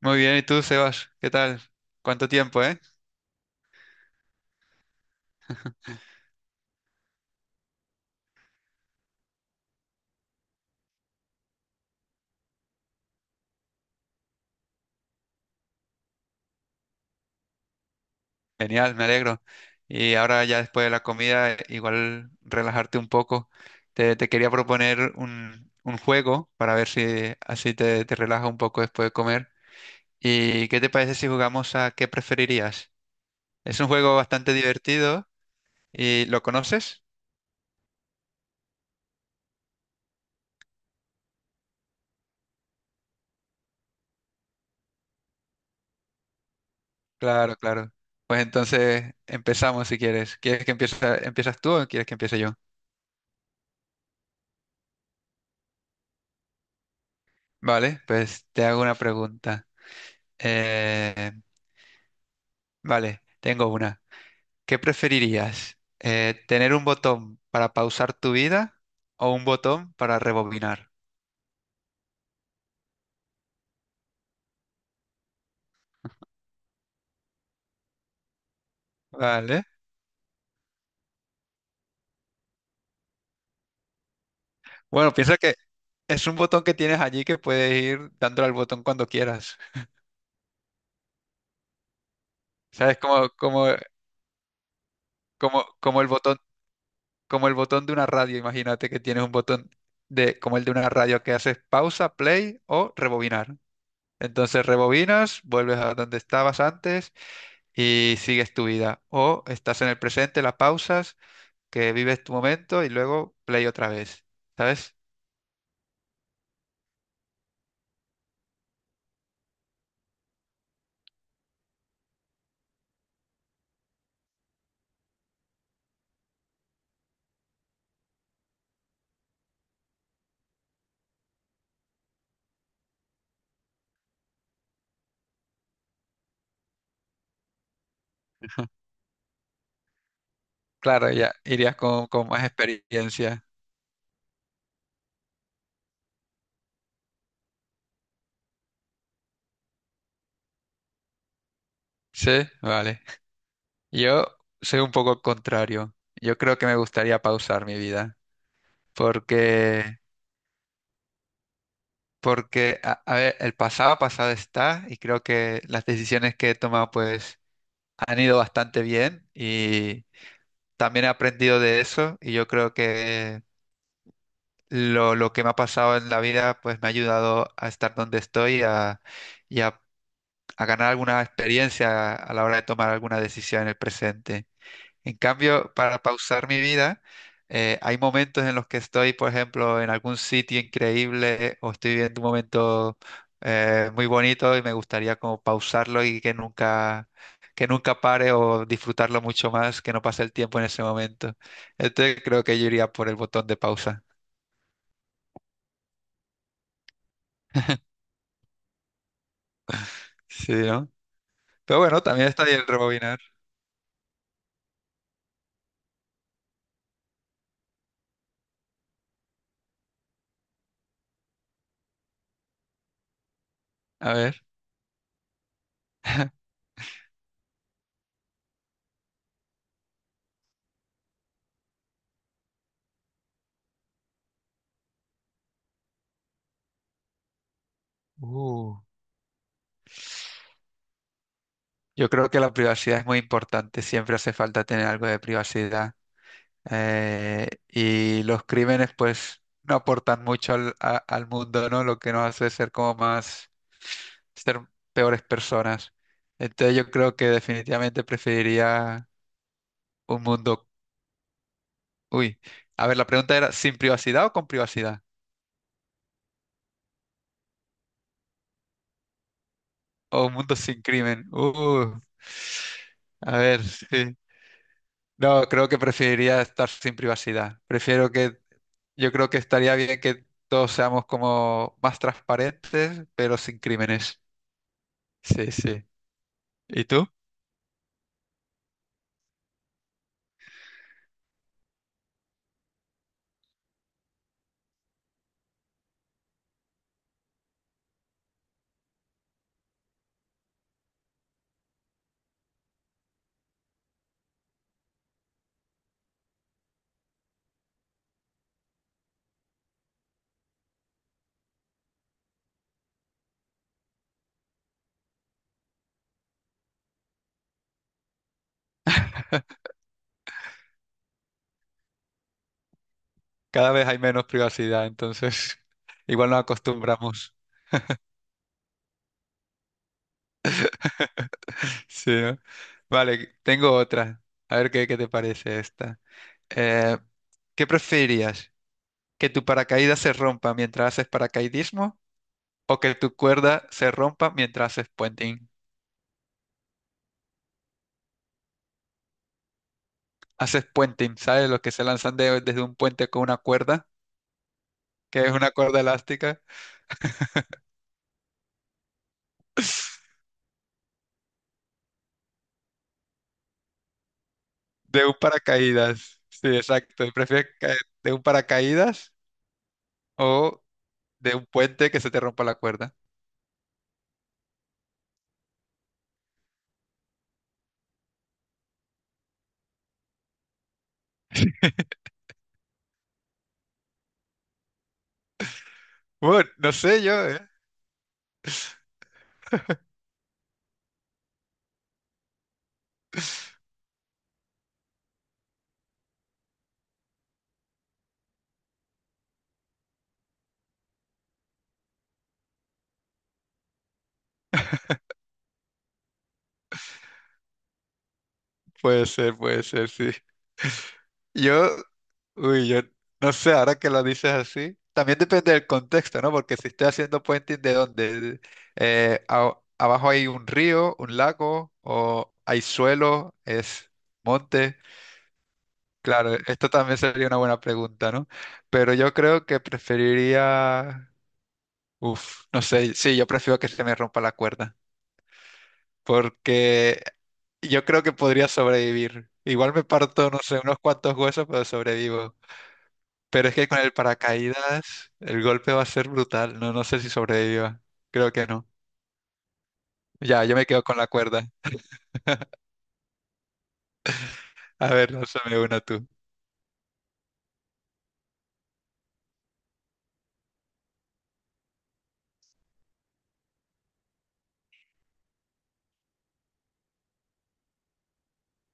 Muy bien, ¿y tú, Sebas? ¿Qué tal? ¿Cuánto tiempo, Genial, me alegro. Y ahora ya después de la comida, igual relajarte un poco. Te quería proponer un juego para ver si así te relajas un poco después de comer. ¿Y qué te parece si jugamos a qué preferirías? Es un juego bastante divertido y ¿lo conoces? Claro, claro. Pues entonces empezamos si quieres. ¿Quieres que empiece, empiezas tú o quieres que empiece yo? Vale, pues te hago una pregunta. Eh, Vale, tengo una. ¿Qué preferirías? ¿Tener un botón para pausar tu vida o un botón para rebobinar? Vale. Bueno, piensa que es un botón que tienes allí que puedes ir dándole al botón cuando quieras. ¿Sabes? Como, como el botón, como el botón de una radio. Imagínate que tienes un botón de, como el de una radio que haces pausa, play o rebobinar. Entonces rebobinas, vuelves a donde estabas antes y sigues tu vida. O estás en el presente, la pausas que vives tu momento y luego play otra vez, ¿sabes? Claro, ya irías con más experiencia. Sí, vale. Yo soy un poco el contrario. Yo creo que me gustaría pausar mi vida. Porque, porque a ver, el pasado pasado está y creo que las decisiones que he tomado pues han ido bastante bien y también he aprendido de eso y yo creo que lo que me ha pasado en la vida pues me ha ayudado a estar donde estoy y a ganar alguna experiencia a la hora de tomar alguna decisión en el presente. En cambio, para pausar mi vida, hay momentos en los que estoy, por ejemplo, en algún sitio increíble o estoy viendo un momento muy bonito y me gustaría como pausarlo y que nunca pare o disfrutarlo mucho más, que no pase el tiempo en ese momento. Entonces creo que yo iría por el botón de pausa. Sí, ¿no? Pero bueno, también está ahí el rebobinar. A ver. Uh. Yo creo que la privacidad es muy importante, siempre hace falta tener algo de privacidad. Y los crímenes, pues, no aportan mucho al mundo, ¿no? Lo que nos hace ser como más, ser peores personas. Entonces yo creo que definitivamente preferiría un mundo. Uy, a ver, la pregunta era, ¿sin privacidad o con privacidad? ¿O un mundo sin crimen? A ver, sí. No, creo que preferiría estar sin privacidad. Prefiero que yo creo que estaría bien que todos seamos como más transparentes, pero sin crímenes. Sí, sí. ¿Y tú? Cada vez hay menos privacidad, entonces igual nos acostumbramos. Sí, ¿no? Vale, tengo otra. A ver qué, qué te parece esta. Eh, ¿Qué preferirías? ¿Que tu paracaídas se rompa mientras haces paracaidismo o que tu cuerda se rompa mientras haces puenting? Haces puenting, ¿sabes? Los que se lanzan desde un puente con una cuerda, que es una cuerda elástica. De un paracaídas. Sí, exacto. ¿Prefieres caer de un paracaídas o de un puente que se te rompa la cuerda? Bueno, no sé yo, ¿eh? Puede ser, sí. Yo, uy, yo no sé, ahora que lo dices así, también depende del contexto, ¿no? Porque si estoy haciendo puenting, ¿de dónde? Abajo hay un río, un lago, o hay suelo, es monte. Claro, esto también sería una buena pregunta, ¿no? Pero yo creo que preferiría uf, no sé, sí, yo prefiero que se me rompa la cuerda, porque yo creo que podría sobrevivir. Igual me parto, no sé, unos cuantos huesos, pero sobrevivo. Pero es que con el paracaídas el golpe va a ser brutal, no, no sé si sobreviva. Creo que no. Ya, yo me quedo con la cuerda. A ver, lánzame una tú.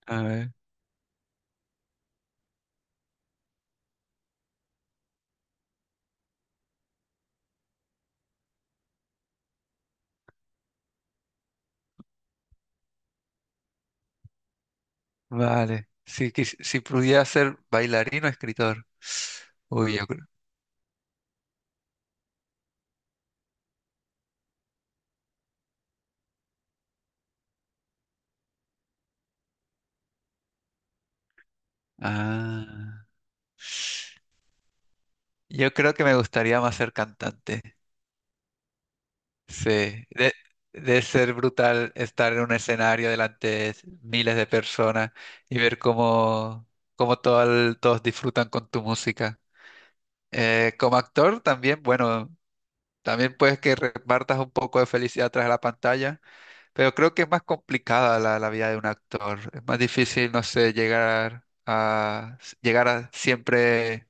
A ver, vale. Si, si pudiera ser bailarín o escritor. Uy, yo creo. Ah. Yo creo que me gustaría más ser cantante. Sí, de, de ser brutal estar en un escenario delante de miles de personas y ver cómo, cómo todos disfrutan con tu música. Como actor también, bueno, también puedes que repartas un poco de felicidad tras la pantalla, pero creo que es más complicada la vida de un actor. Es más difícil, no sé, llegar a, llegar a siempre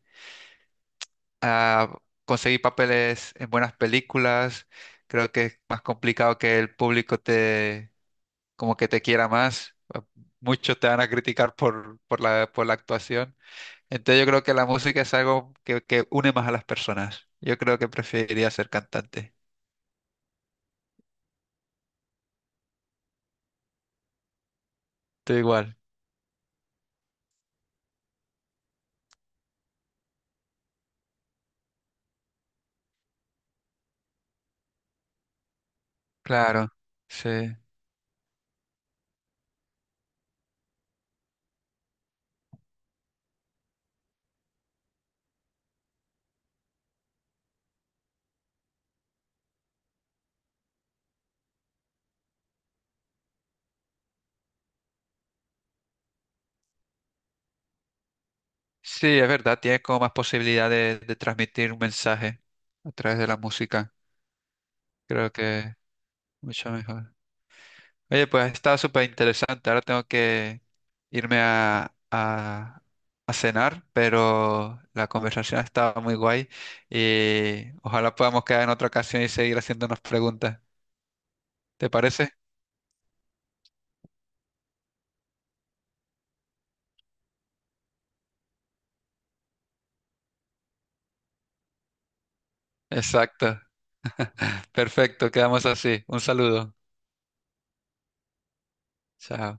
a conseguir papeles en buenas películas. Creo que es más complicado que el público te, como que te quiera más. Muchos te van a criticar por, por la actuación. Entonces yo creo que la música es algo que une más a las personas. Yo creo que preferiría ser cantante. Tú igual. Claro, sí. Sí, es verdad, tienes como más posibilidad de transmitir un mensaje a través de la música. Creo que mucho mejor. Oye, pues está súper interesante. Ahora tengo que irme a cenar, pero la conversación estaba muy guay y ojalá podamos quedar en otra ocasión y seguir haciéndonos preguntas. ¿Te parece? Exacto. Perfecto, quedamos así. Un saludo. Chao.